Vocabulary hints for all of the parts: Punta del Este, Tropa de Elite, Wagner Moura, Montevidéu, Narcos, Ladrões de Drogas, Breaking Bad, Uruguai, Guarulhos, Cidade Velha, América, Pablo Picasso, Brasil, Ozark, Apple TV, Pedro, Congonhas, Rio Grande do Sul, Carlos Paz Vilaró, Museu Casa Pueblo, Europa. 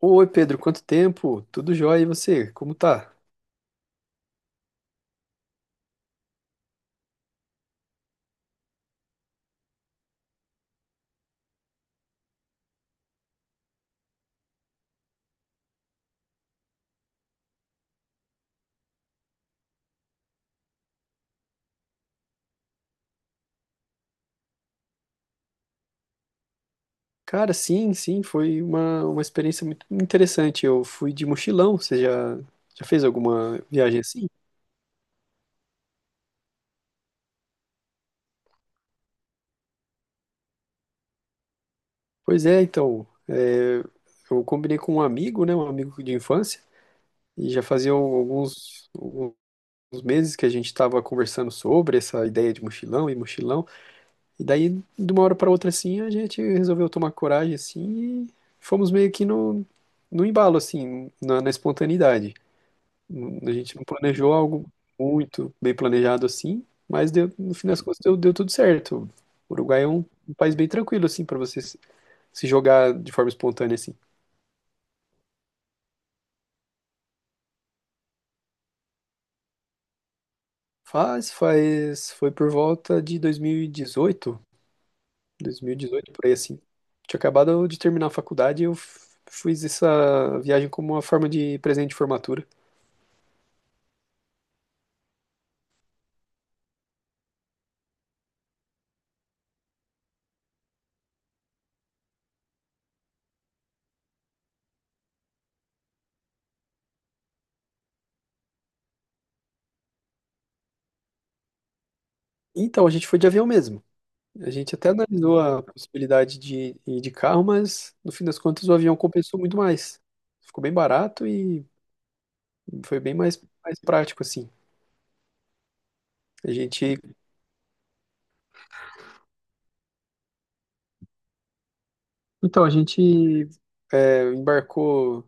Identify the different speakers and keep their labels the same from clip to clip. Speaker 1: Oi, Pedro, quanto tempo? Tudo jóia e você? Como tá? Cara, sim, foi uma experiência muito interessante. Eu fui de mochilão, você já fez alguma viagem assim? Pois é, então, é, eu combinei com um amigo, né, um amigo de infância, e já fazia alguns meses que a gente estava conversando sobre essa ideia de mochilão, e daí, de uma hora para outra, assim, a gente resolveu tomar coragem, assim, e fomos meio que no embalo, assim, na espontaneidade. A gente não planejou algo muito bem planejado assim, mas no fim das contas deu tudo certo. O Uruguai é um país bem tranquilo assim para você se jogar de forma espontânea assim. Foi por volta de 2018, 2018 por aí assim. Tinha acabado de terminar a faculdade e eu fiz essa viagem como uma forma de presente de formatura. Então a gente foi de avião mesmo. A gente até analisou a possibilidade de ir de carro, mas no fim das contas o avião compensou muito mais. Ficou bem barato e foi bem mais prático, assim. A gente, a gente embarcou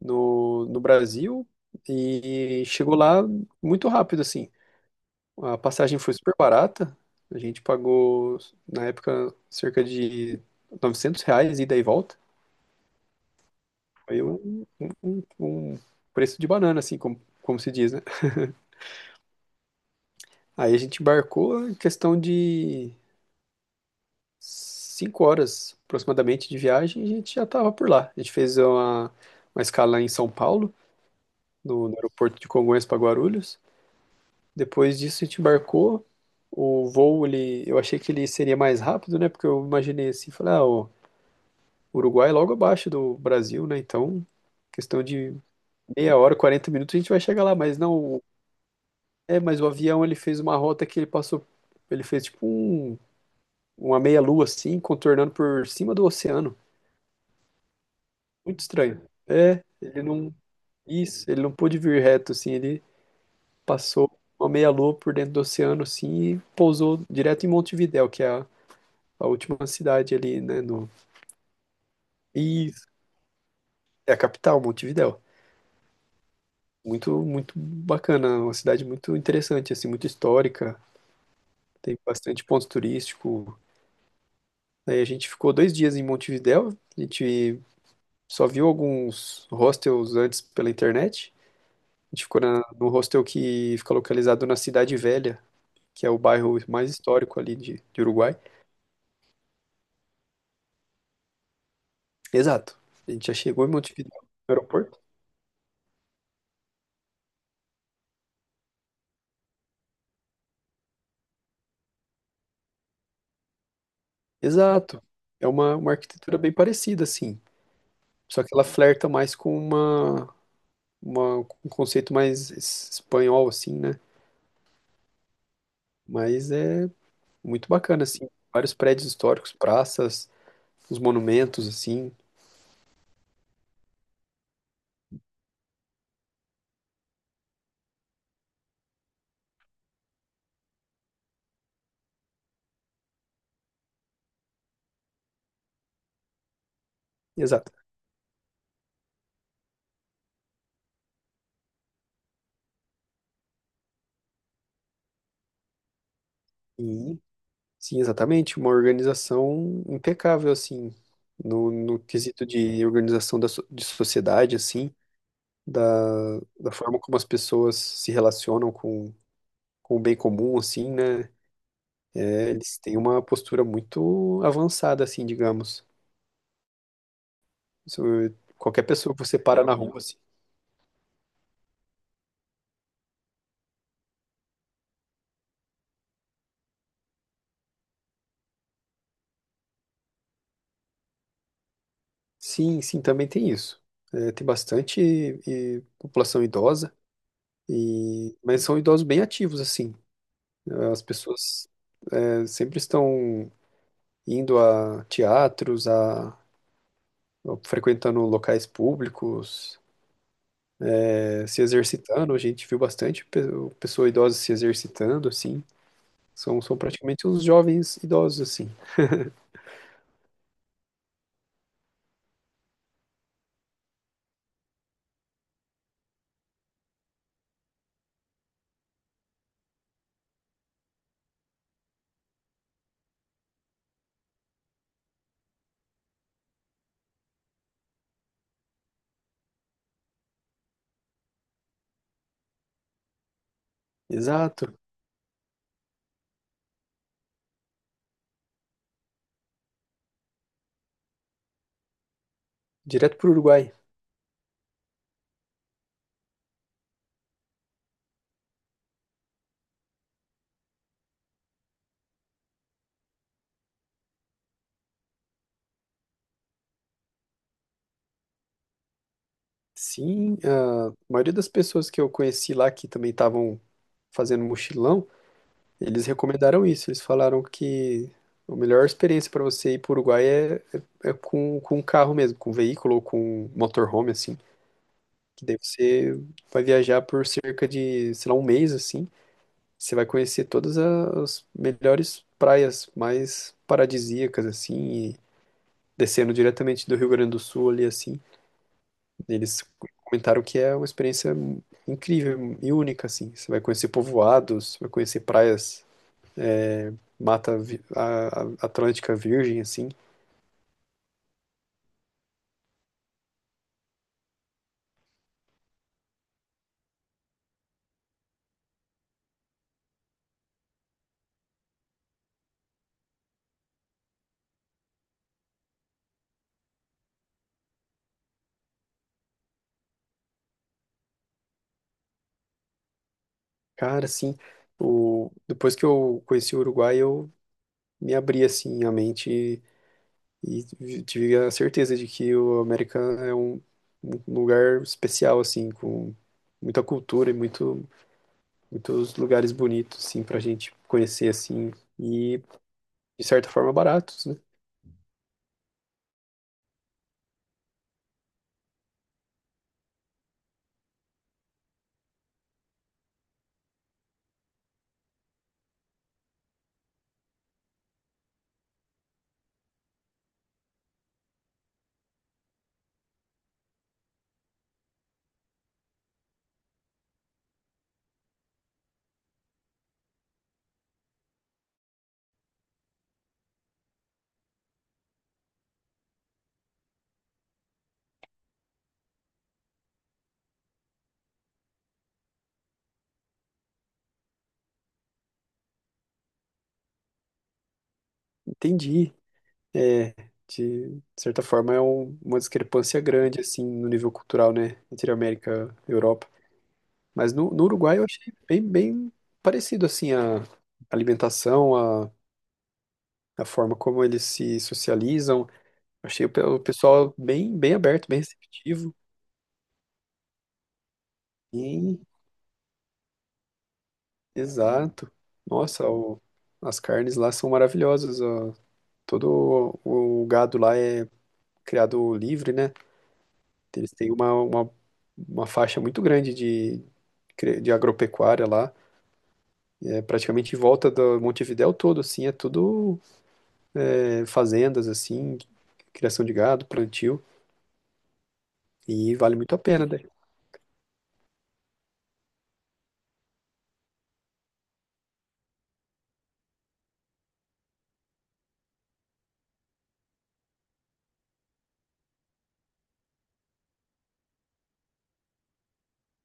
Speaker 1: no Brasil e chegou lá muito rápido, assim. A passagem foi super barata. A gente pagou, na época, cerca de R$ 900 ida e volta. Foi um preço de banana, assim, como, como se diz, né? Aí a gente embarcou em questão de 5 horas aproximadamente de viagem, e a gente já estava por lá. A gente fez uma escala em São Paulo, no aeroporto de Congonhas para Guarulhos. Depois disso a gente embarcou. O voo, ele, eu achei que ele seria mais rápido, né? Porque eu imaginei assim, falei, ah, o Uruguai é logo abaixo do Brasil, né? Então, questão de meia hora, 40 minutos a gente vai chegar lá, mas não, é, mas o avião ele fez uma rota que ele passou, ele fez tipo uma meia-lua assim, contornando por cima do oceano. Muito estranho. É, ele não. Isso, ele não pôde vir reto, assim, ele passou uma meia-lua por dentro do oceano, assim, e pousou direto em Montevidéu, que é a última cidade ali, né? No... Isso, é a capital, Montevidéu. Muito bacana, uma cidade muito interessante, assim, muito histórica, tem bastante ponto turístico. Aí a gente ficou dois dias em Montevidéu, a gente só viu alguns hostels antes pela internet. A gente ficou no hostel que fica localizado na Cidade Velha, que é o bairro mais histórico ali de Uruguai. Exato. A gente já chegou em Montevideo no aeroporto. Exato. É uma arquitetura bem parecida, assim. Só que ela flerta mais com uma- um conceito mais espanhol, assim, né? Mas é muito bacana, assim. Vários prédios históricos, praças, os monumentos, assim. Exato. E Sim, exatamente, uma organização impecável, assim, no quesito de organização da, de sociedade, assim, da, da forma como as pessoas se relacionam com o bem comum, assim, né? É, eles têm uma postura muito avançada, assim, digamos. Isso, qualquer pessoa que você para na rua, assim. Sim, também tem isso. É, tem bastante população idosa, e, mas são idosos bem ativos, assim. As pessoas é, sempre estão indo a teatros, a frequentando locais públicos, eh, se exercitando. A gente viu bastante pessoa idosa se exercitando, assim. São praticamente os jovens idosos, assim. Exato. Direto para o Uruguai. Sim, a maioria das pessoas que eu conheci lá que também estavam fazendo mochilão, eles recomendaram isso. Eles falaram que a melhor experiência para você ir para o Uruguai é com um carro mesmo, com um veículo ou com um motorhome, assim. Que daí você vai viajar por cerca de, sei lá, um mês assim. Você vai conhecer todas as melhores praias mais paradisíacas assim, e descendo diretamente do Rio Grande do Sul ali assim. Eles comentaram que é uma experiência incrível e única assim. Você vai conhecer povoados, vai conhecer praias, mata Atlântica Virgem assim. Cara, assim, o depois que eu conheci o Uruguai, eu me abri assim a mente e tive a certeza de que o América é um lugar especial, assim, com muita cultura e muitos lugares bonitos, assim, pra gente conhecer, assim, e de certa forma baratos, né? Entendi. É, de certa forma é uma discrepância grande, assim, no nível cultural, né? Entre América e Europa. Mas no Uruguai eu achei bem parecido, assim, a alimentação, a forma como eles se socializam. Achei o o pessoal bem aberto, bem receptivo. Bem, exato. Nossa, as carnes lá são maravilhosas, ó. Todo o gado lá é criado livre, né? Eles têm uma faixa muito grande de, de agropecuária lá. É praticamente em volta do Montevidéu todo, assim, é tudo é, fazendas, assim, criação de gado, plantio. E vale muito a pena, né?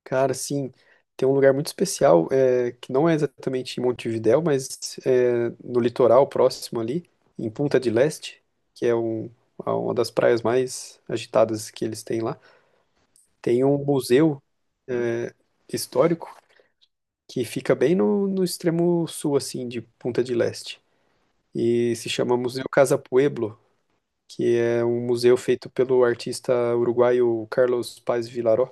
Speaker 1: Cara, sim, tem um lugar muito especial, é, que não é exatamente em Montevidéu, mas é, no litoral próximo ali, em Punta del Este, que é um, uma das praias mais agitadas que eles têm lá. Tem um museu é, histórico que fica bem no extremo sul, assim, de Punta del Este. E se chama Museu Casa Pueblo, que é um museu feito pelo artista uruguaio Carlos Paz Vilaró.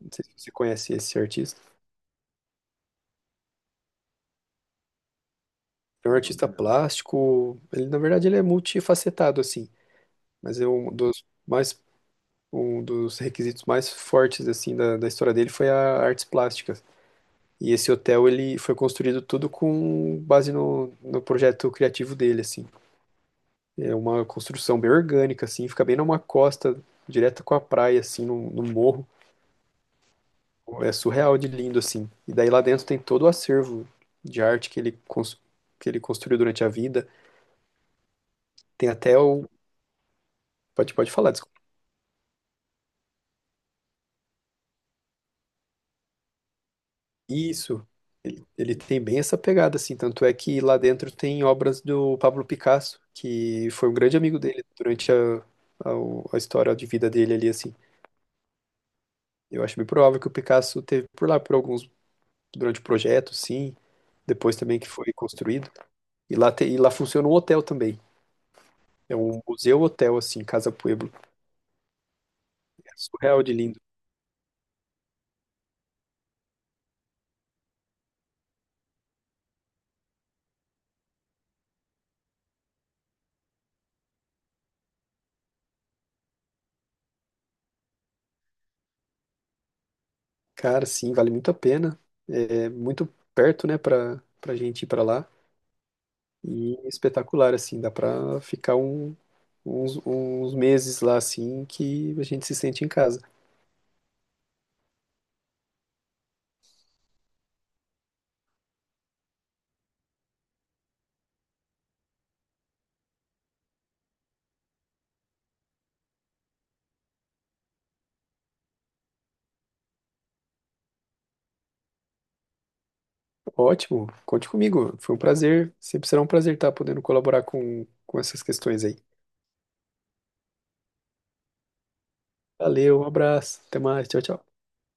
Speaker 1: Não sei se você conhece esse artista. É um artista plástico, ele na verdade ele é multifacetado assim, mas é um dos mais um dos requisitos mais fortes assim da história dele foi a artes plásticas. E esse hotel ele foi construído tudo com base no projeto criativo dele assim. É uma construção bem orgânica assim, fica bem numa costa direta com a praia assim, no morro. É surreal de lindo assim. E daí lá dentro tem todo o acervo de arte que ele construiu durante a vida. Tem até o Pode, pode falar. Isso. Ele tem bem essa pegada, assim. Tanto é que lá dentro tem obras do Pablo Picasso, que foi um grande amigo dele durante a, a história de vida dele ali, assim. Eu acho bem provável que o Picasso teve por lá por alguns, durante o projeto, sim. Depois também que foi construído. E lá, e lá funciona um hotel também. É um museu-hotel, assim, Casa Pueblo. É surreal de lindo. Cara, sim, vale muito a pena. É muito perto, né, pra gente ir pra lá. E espetacular, assim, dá pra ficar uns, uns meses lá, assim, que a gente se sente em casa. Ótimo, conte comigo, foi um prazer, sempre será um prazer estar podendo colaborar com essas questões aí. Valeu, um abraço, até mais, tchau, tchau.